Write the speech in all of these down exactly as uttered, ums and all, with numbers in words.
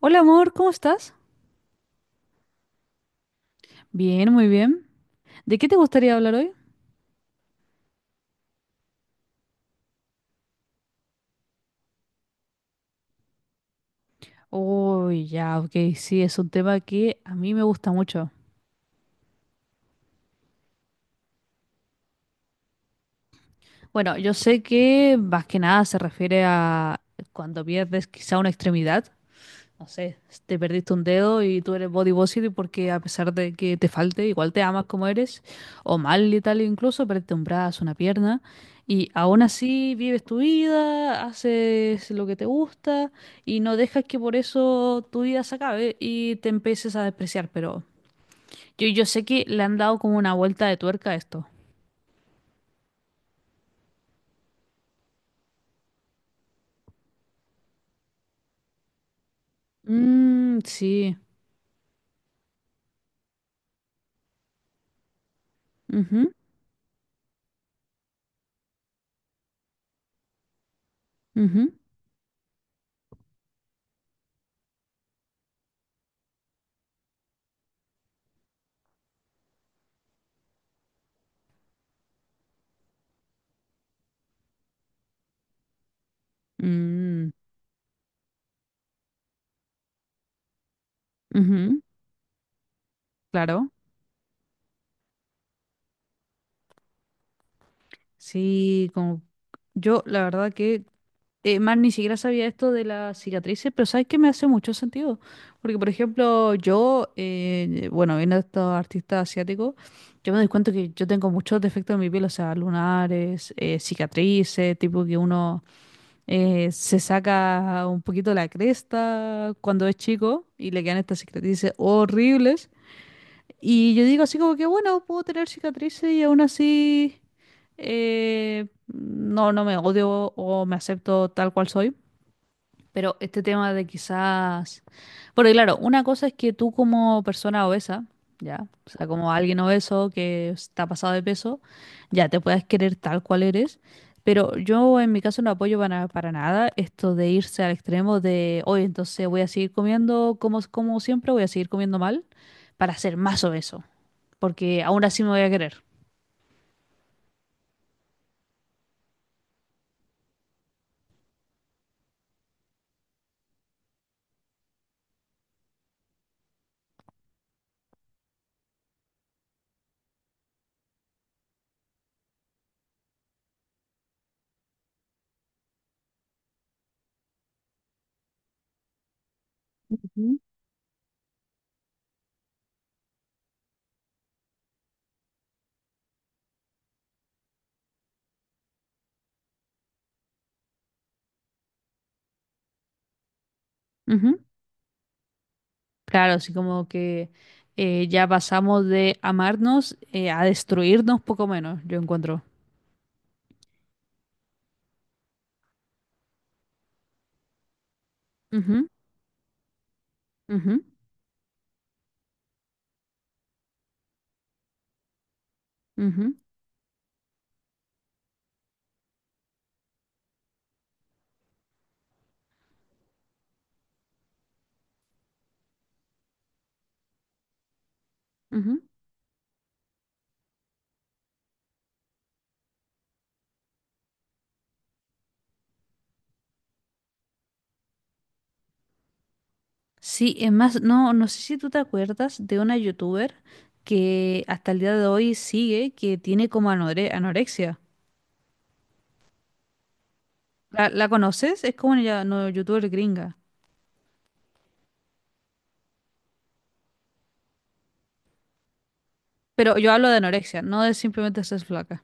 Hola amor, ¿cómo estás? Bien, muy bien. ¿De qué te gustaría hablar hoy? Oh, ya, ok, sí, es un tema que a mí me gusta mucho. Bueno, yo sé que más que nada se refiere a cuando pierdes quizá una extremidad. No sé, te perdiste un dedo y tú eres body positive porque a pesar de que te falte, igual te amas como eres, o mal y tal, incluso perdiste un brazo, una pierna, y aún así vives tu vida, haces lo que te gusta y no dejas que por eso tu vida se acabe y te empieces a despreciar, pero yo, yo sé que le han dado como una vuelta de tuerca a esto. Mm, sí. Ujú, ujú. Mm, ujú. Claro. Sí, como yo la verdad que Eh, man, ni siquiera sabía esto de las cicatrices, pero sabes que me hace mucho sentido. Porque, por ejemplo, yo, eh, bueno, viendo a estos artistas asiáticos, yo me doy cuenta que yo tengo muchos defectos en mi piel, o sea, lunares, eh, cicatrices, tipo que uno eh, se saca un poquito la cresta cuando es chico y le quedan estas cicatrices horribles. Y yo digo así como que, bueno, puedo tener cicatrices y aún así eh, no, no me odio o me acepto tal cual soy. Pero este tema de quizás... Porque claro, una cosa es que tú como persona obesa, ya, o sea, como alguien obeso que está pasado de peso, ya te puedas querer tal cual eres. Pero yo en mi caso no apoyo para, para nada esto de irse al extremo de, oye, entonces voy a seguir comiendo como, como siempre, voy a seguir comiendo mal para ser más obeso porque aún así me voy a querer. Ujú. Ujú. Claro, así como que eh, ya pasamos de amarnos eh, a destruirnos poco menos, yo encuentro. Ujú, ujú, ujú, ujú. Sí, es más, no, no sé si tú te acuerdas de una youtuber que hasta el día de hoy sigue, que tiene como anore- anorexia. ¿La, la conoces? Es como una no, youtuber gringa. Pero yo hablo de anorexia, no de simplemente ser flaca.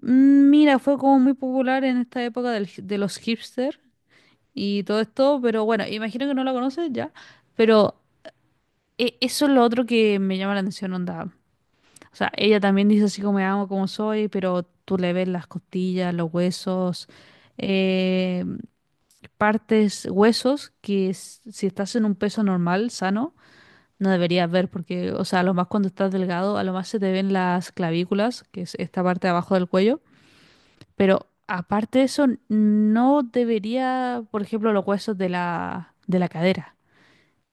Mm, Mira, fue como muy popular en esta época del hi- de los hipster, y todo esto, pero bueno, imagino que no la conoces ya, pero e- eso es lo otro que me llama la atención, onda. O sea, ella también dice así como me amo, como soy, pero tú le ves las costillas, los huesos, eh, partes, huesos que s- si estás en un peso normal, sano, no deberías ver, porque, o sea, a lo más cuando estás delgado, a lo más se te ven las clavículas, que es esta parte de abajo del cuello, pero... Aparte de eso, no debería, por ejemplo, los huesos de la, de la cadera.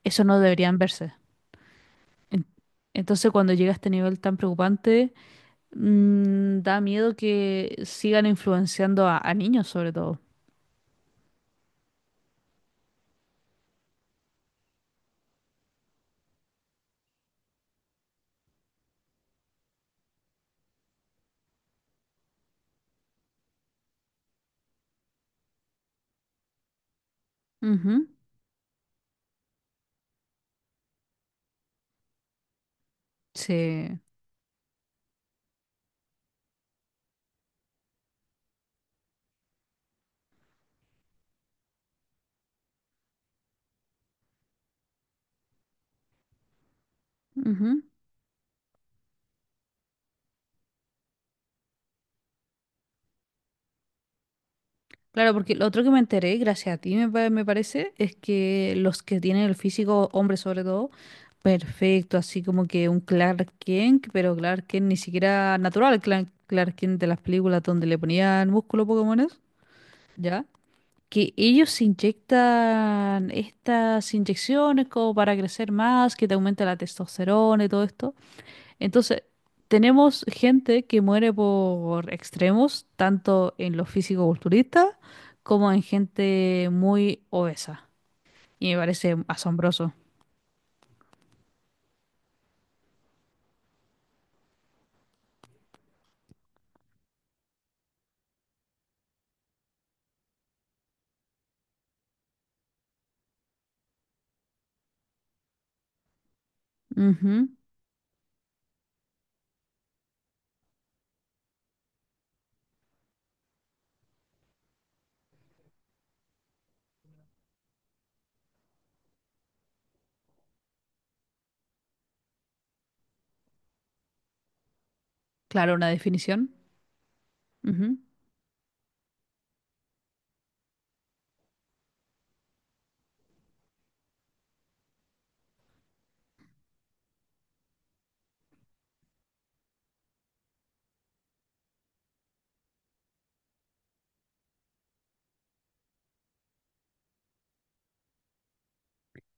Eso no deberían verse. En- Entonces, cuando llega a este nivel tan preocupante, mm, da miedo que sigan influenciando a, a niños, sobre todo. Ujú. Sí. Ujú. Claro, porque lo otro que me enteré, gracias a ti me, pa- me parece, es que los que tienen el físico, hombres sobre todo, perfecto, así como que un Clark Kent, pero Clark Kent ni siquiera natural, Clark, Clark Kent de las películas donde le ponían músculo Pokémones, ¿ya? Que ellos se inyectan estas inyecciones como para crecer más, que te aumenta la testosterona y todo esto. Entonces, tenemos gente que muere por extremos, tanto en los físico-culturistas como en gente muy obesa. Y me parece asombroso. Ujú. Claro, una definición. Ujú.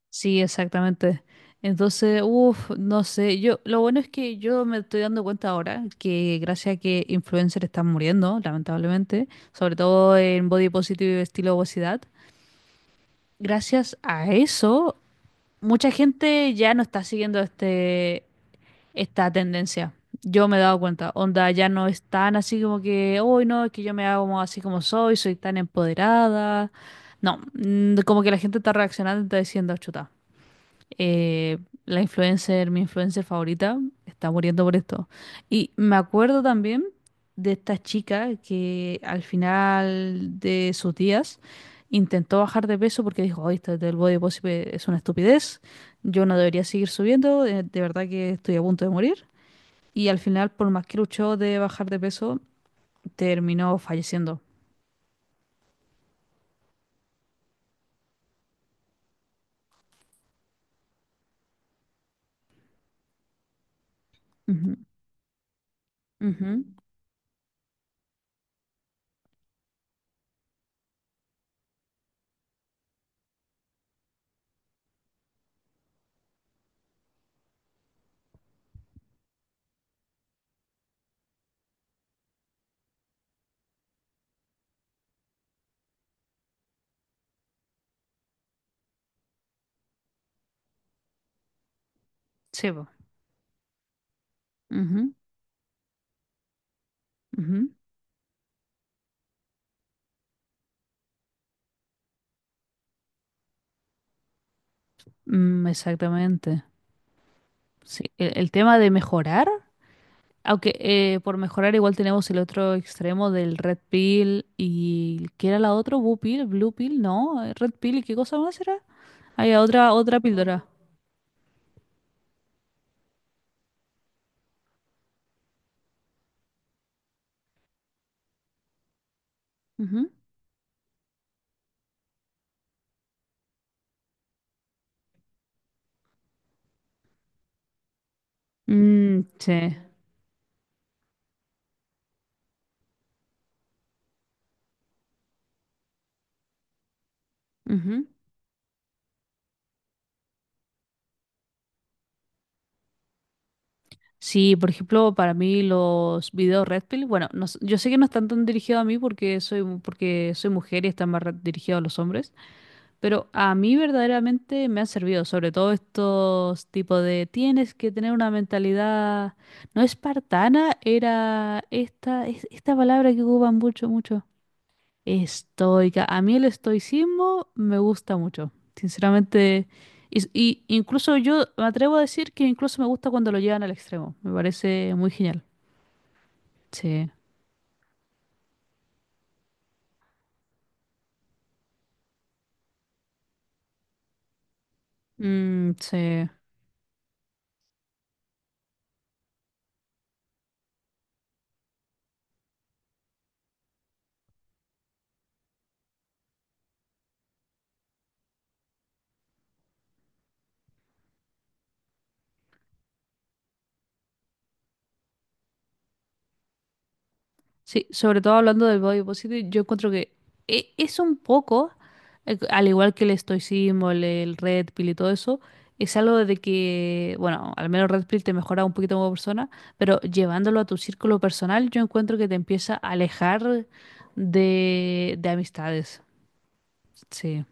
Sí, exactamente. Entonces, uff, no sé, yo, lo bueno es que yo me estoy dando cuenta ahora que gracias a que influencers están muriendo, lamentablemente, sobre todo en body positive y estilo obesidad, gracias a eso, mucha gente ya no está siguiendo este, esta tendencia. Yo me he dado cuenta, onda, ya no es tan así como que, uy, no, es que yo me hago como así como soy, soy tan empoderada. No, mm, como que la gente está reaccionando y está diciendo, chuta, eh, la influencer, mi influencer favorita, está muriendo por esto. Y me acuerdo también de esta chica que al final de sus días intentó bajar de peso porque dijo: "Ay, esto del body positive es una estupidez, yo no debería seguir subiendo, de, de verdad que estoy a punto de morir." Y al final, por más que luchó de bajar de peso, terminó falleciendo. Ujú, ujú. Sí, po. Ujú, ujú. Mm, exactamente. Sí. el el tema de mejorar. Aunque eh, por mejorar igual tenemos el otro extremo del Red Pill. ¿Y qué era la otra? Blue Pill. Blue Pill, no, eh, Red Pill. ¿Y qué cosa más era? Había otra otra píldora. Ujú. Mm, sí. Ujú. Sí, por ejemplo, para mí los videos Red Pill, bueno, no s- yo sé que no están tan dirigidos a mí porque soy, mu- porque soy mujer y están más re- dirigidos a los hombres, pero a mí verdaderamente me han servido, sobre todo estos tipos de tienes que tener una mentalidad no espartana, era esta, es- esta palabra que ocupan mucho, mucho. Estoica. A mí el estoicismo me gusta mucho, sinceramente. Y, y incluso yo me atrevo a decir que incluso me gusta cuando lo llevan al extremo. Me parece muy genial. Sí. Mm, sí. Sí, sobre todo hablando del body positive, yo encuentro que e- es un poco, eh, al igual que el estoicismo, el, el red pill y todo eso, es algo de que, bueno, al menos red pill te mejora un poquito como persona, pero llevándolo a tu círculo personal, yo encuentro que te empieza a alejar de, de amistades. Sí.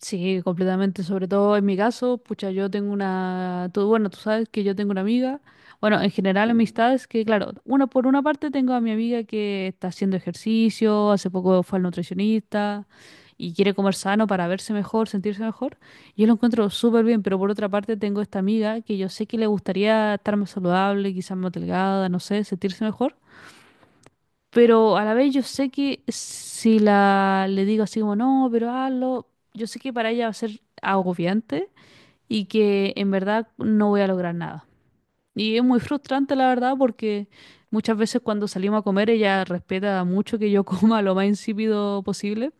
Sí, completamente. Sobre todo en mi caso, pucha, yo tengo una, tú, bueno, tú sabes que yo tengo una amiga, bueno, en general amistades que, claro, una por una parte tengo a mi amiga que está haciendo ejercicio, hace poco fue al nutricionista y quiere comer sano para verse mejor, sentirse mejor. Yo lo encuentro súper bien, pero por otra parte tengo esta amiga que yo sé que le gustaría estar más saludable, quizás más delgada, no sé, sentirse mejor. Pero a la vez yo sé que si la le digo así como no, pero hazlo, yo sé que para ella va a ser agobiante y que en verdad no voy a lograr nada. Y es muy frustrante la verdad porque muchas veces cuando salimos a comer ella respeta mucho que yo coma lo más insípido posible,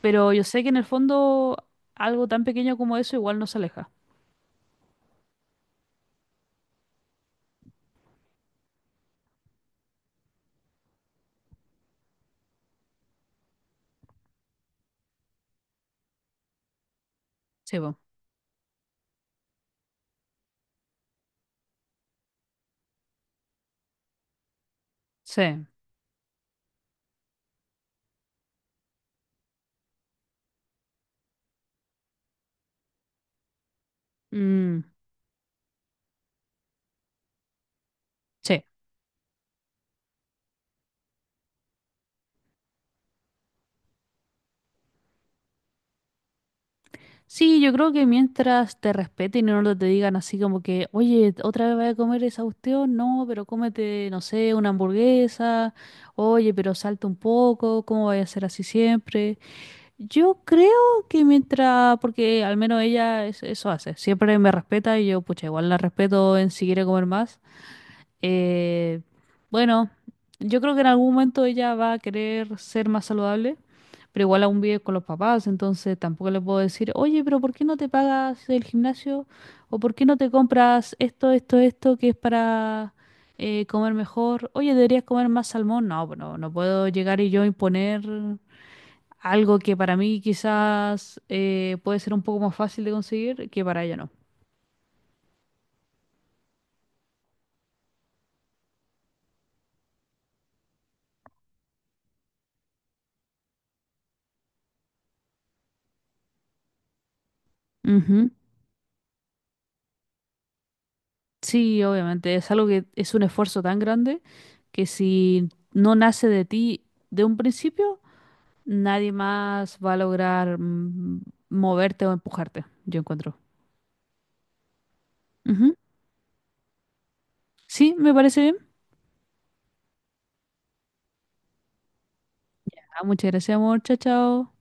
pero yo sé que en el fondo algo tan pequeño como eso igual no se aleja. Sí, po. Sí. Mm, sí. Sí, yo creo que mientras te respeten y no te digan así como que, oye, otra vez vas a comer esa cuestión, no, pero cómete, no sé, una hamburguesa, oye, pero salta un poco, ¿cómo vaya a ser así siempre? Yo creo que mientras, porque al menos ella es- eso hace, siempre me respeta y yo, pucha, igual la respeto en si quiere comer más, eh, bueno, yo creo que en algún momento ella va a querer ser más saludable, pero igual aún vive con los papás, entonces tampoco le puedo decir, oye, pero ¿por qué no te pagas el gimnasio? ¿O por qué no te compras esto, esto, esto que es para eh, comer mejor? Oye, deberías comer más salmón. No, pues no, no puedo llegar y yo imponer algo que para mí quizás eh, puede ser un poco más fácil de conseguir que para ella no. Ujú. Sí, obviamente, es algo que es un esfuerzo tan grande que si no nace de ti de un principio, nadie más va a lograr mm, moverte o empujarte, yo encuentro. Ujú. Sí, me parece bien. Ah, muchas gracias, amor. Chao, chao.